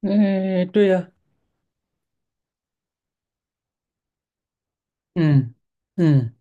嗯，对呀，嗯嗯，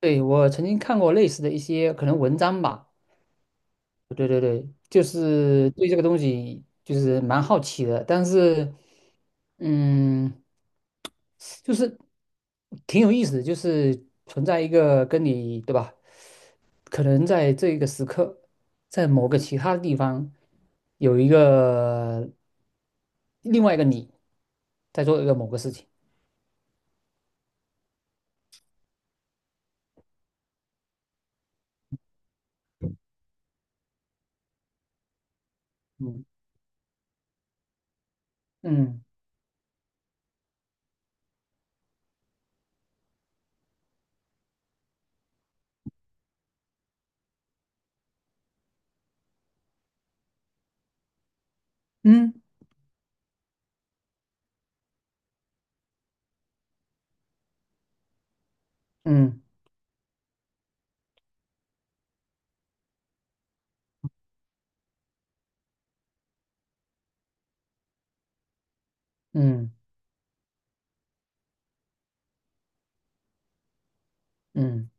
对，我曾经看过类似的一些可能文章吧，对对对，就是对这个东西就是蛮好奇的，但是嗯，就是挺有意思的，就是存在一个跟你对吧，可能在这个时刻，在某个其他地方有一个另外一个你在做一个某个事情，嗯嗯嗯嗯嗯嗯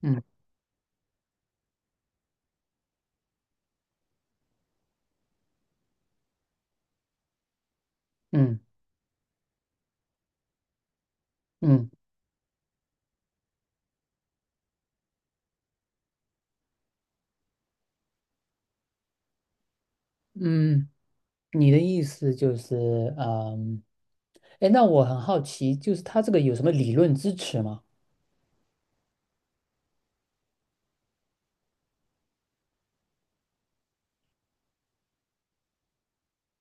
嗯嗯嗯嗯。嗯，你的意思就是，嗯，哎，那我很好奇，就是他这个有什么理论支持吗？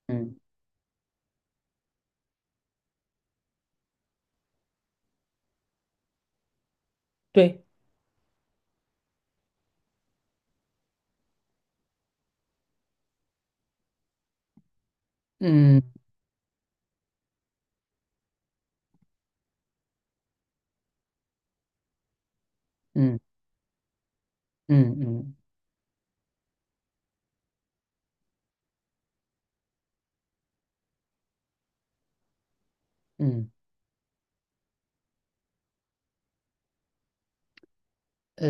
嗯，对，嗯嗯嗯嗯嗯，呃，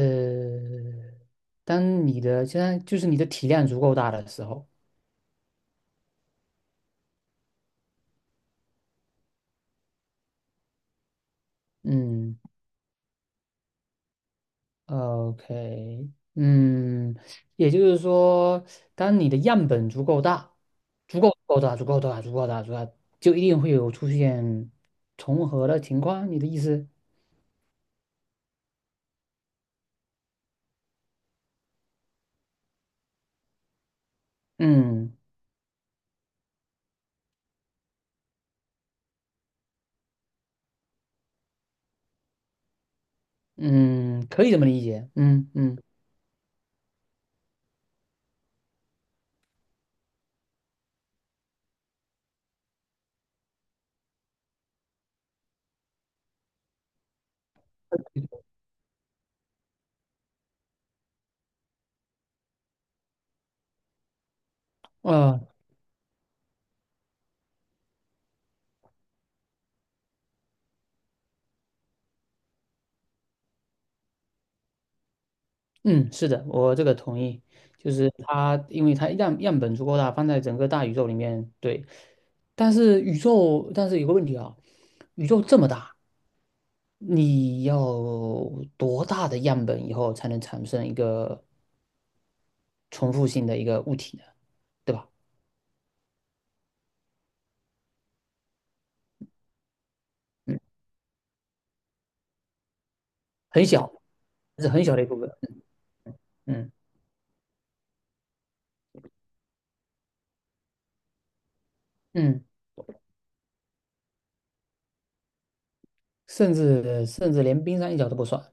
当你的现在就是你的体量足够大的时候，嗯，OK,嗯，也就是说，当你的样本足够大，足够大，足够大，就一定会有出现重合的情况。你的意思？嗯。嗯，可以这么理解。嗯嗯呃嗯，是的，我这个同意。就是它，因为它样本足够大，放在整个大宇宙里面，对。但是宇宙，但是有个问题啊，宇宙这么大，你要多大的样本以后才能产生一个重复性的一个物体呢？对吧？嗯，很小，是很小的一部分。嗯嗯，甚至连冰山一角都不算。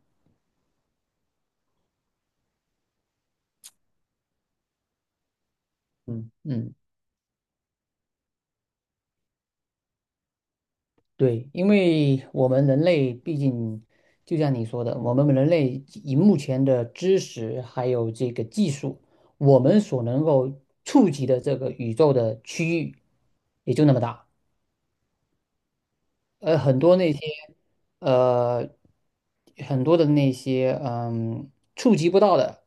嗯嗯。对，因为我们人类毕竟，就像你说的，我们人类以目前的知识还有这个技术，我们所能够触及的这个宇宙的区域也就那么大。呃，很多那些呃，很多的那些嗯，触及不到的，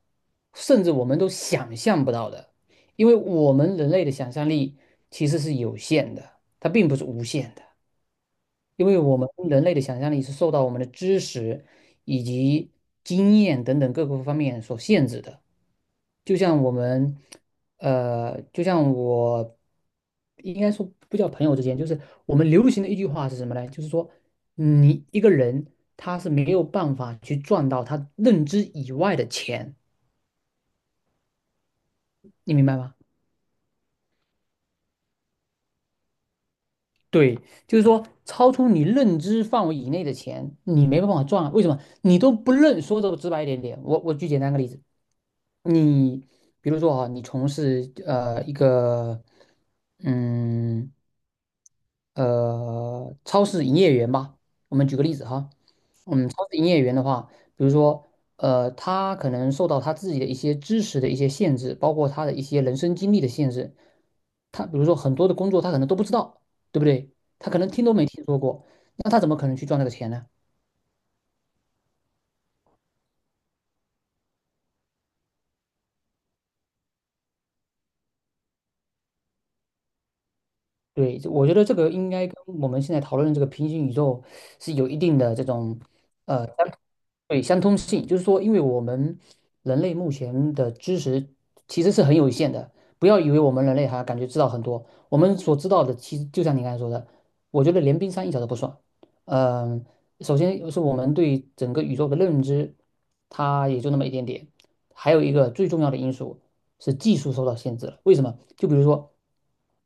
甚至我们都想象不到的，因为我们人类的想象力其实是有限的，它并不是无限的。因为我们人类的想象力是受到我们的知识以及经验等等各个方面所限制的。就像我们，就像我，应该说不叫朋友之间，就是我们流行的一句话是什么呢？就是说，你一个人他是没有办法去赚到他认知以外的钱，你明白吗？对，就是说超出你认知范围以内的钱，你没办法赚啊。为什么？你都不认，说的直白一点点。我举简单个例子，你比如说啊，你从事一个嗯超市营业员吧。我们举个例子哈，嗯，超市营业员的话，比如说呃，他可能受到他自己的一些知识的一些限制，包括他的一些人生经历的限制。他比如说很多的工作他可能都不知道，对不对？他可能听都没听说过，那他怎么可能去赚那个钱呢？对，我觉得这个应该跟我们现在讨论的这个平行宇宙是有一定的这种。呃，对，相通性就是说，因为我们人类目前的知识其实是很有限的。不要以为我们人类还感觉知道很多，我们所知道的其实就像你刚才说的，我觉得连冰山一角都不算。嗯、首先是我们对整个宇宙的认知，它也就那么一点点。还有一个最重要的因素是技术受到限制了。为什么？就比如说，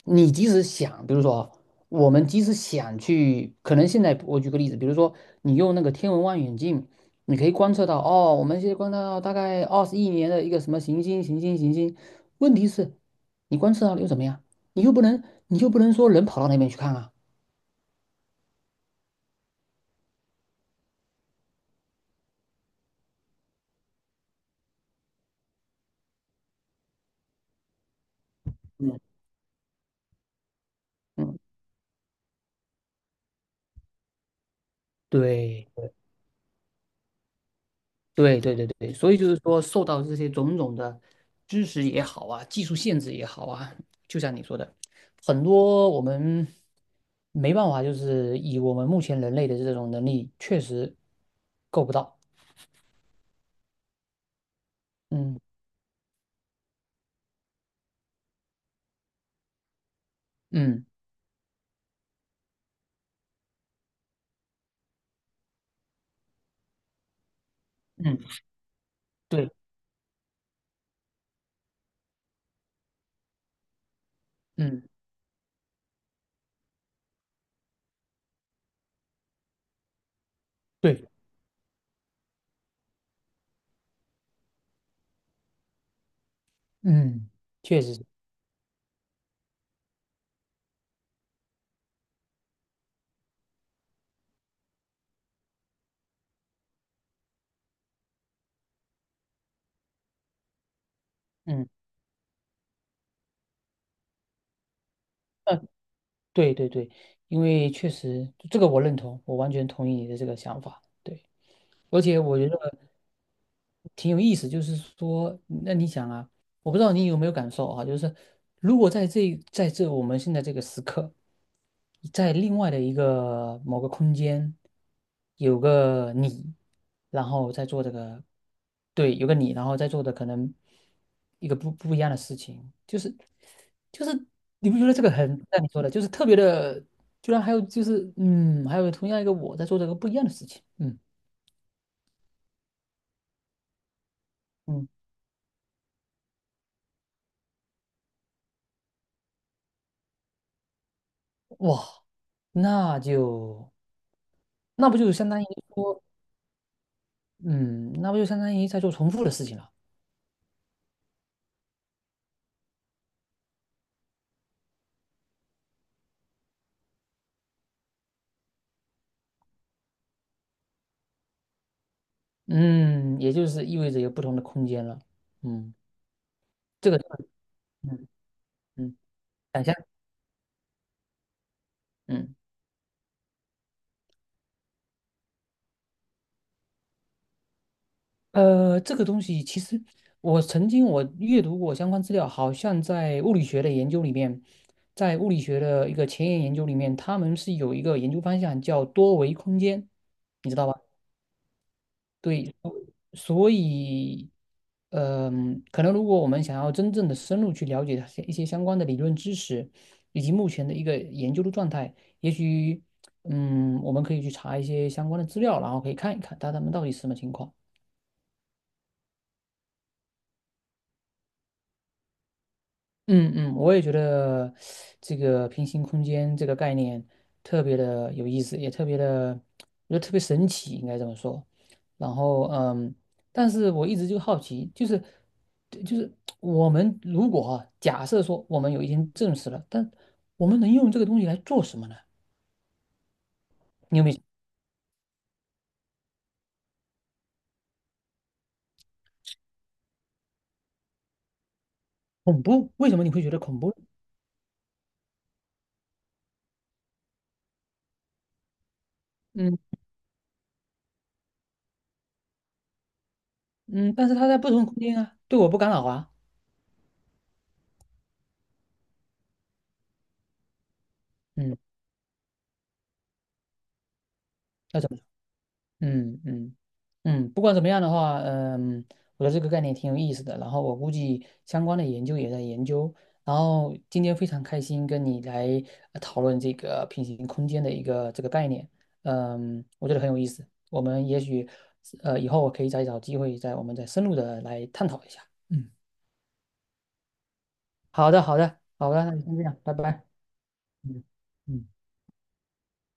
你即使想，比如说啊，我们即使想去，可能现在我举个例子，比如说你用那个天文望远镜。你可以观测到，哦，我们现在观测到大概20亿年的一个什么行星，行星。问题是，你观测到了又怎么样？你又不能，你又不能说人跑到那边去看啊。嗯，嗯，对，对。所以就是说，受到这些种种的知识也好啊，技术限制也好啊，就像你说的，很多我们没办法，就是以我们目前人类的这种能力，确实够不到。嗯嗯嗯，对，嗯。对。嗯，确实是，嗯，呃，对对对，因为确实这个我认同，我完全同意你的这个想法，对，而且我觉得。挺有意思，就是说，那你想啊，我不知道你有没有感受啊，就是如果在这我们现在这个时刻，在另外的一个某个空间，有个你，然后在做这个，对，有个你，然后在做的可能一个不一样的事情，就是你不觉得这个很像你说的，就是特别的，居然还有就是嗯，还有同样一个我在做这个不一样的事情，嗯嗯，哇，那就。那不就相当于说，嗯，那不就相当于在做重复的事情了，嗯，也就是意味着有不同的空间了，嗯，这个，嗯嗯，一下，嗯，这个东西其实我曾经我阅读过相关资料，好像在物理学的研究里面，在物理学的一个前沿研究里面，他们是有一个研究方向叫多维空间，你知道吧？对，所以，嗯、可能如果我们想要真正的深入去了解它一些相关的理论知识，以及目前的一个研究的状态，也许，嗯，我们可以去查一些相关的资料，然后可以看一看它们到底是什么情况。嗯嗯，我也觉得这个平行空间这个概念特别的有意思，也特别的，我觉得特别神奇，应该这么说。然后嗯，但是我一直就好奇，就是我们如果啊，假设说我们有一天证实了，但我们能用这个东西来做什么呢？你有没有恐怖？为什么你会觉得恐怖？嗯嗯，但是它在不同空间啊，对我不干扰啊。嗯。那怎么嗯嗯嗯，不管怎么样的话，嗯，我觉得这个概念挺有意思的。然后我估计相关的研究也在研究。然后今天非常开心跟你来讨论这个平行空间的一个这个概念，嗯，我觉得很有意思。我们也许以后我可以再找机会再我们再深入的来探讨一下。嗯，好的好的好的，那就先这样，拜拜。嗯嗯。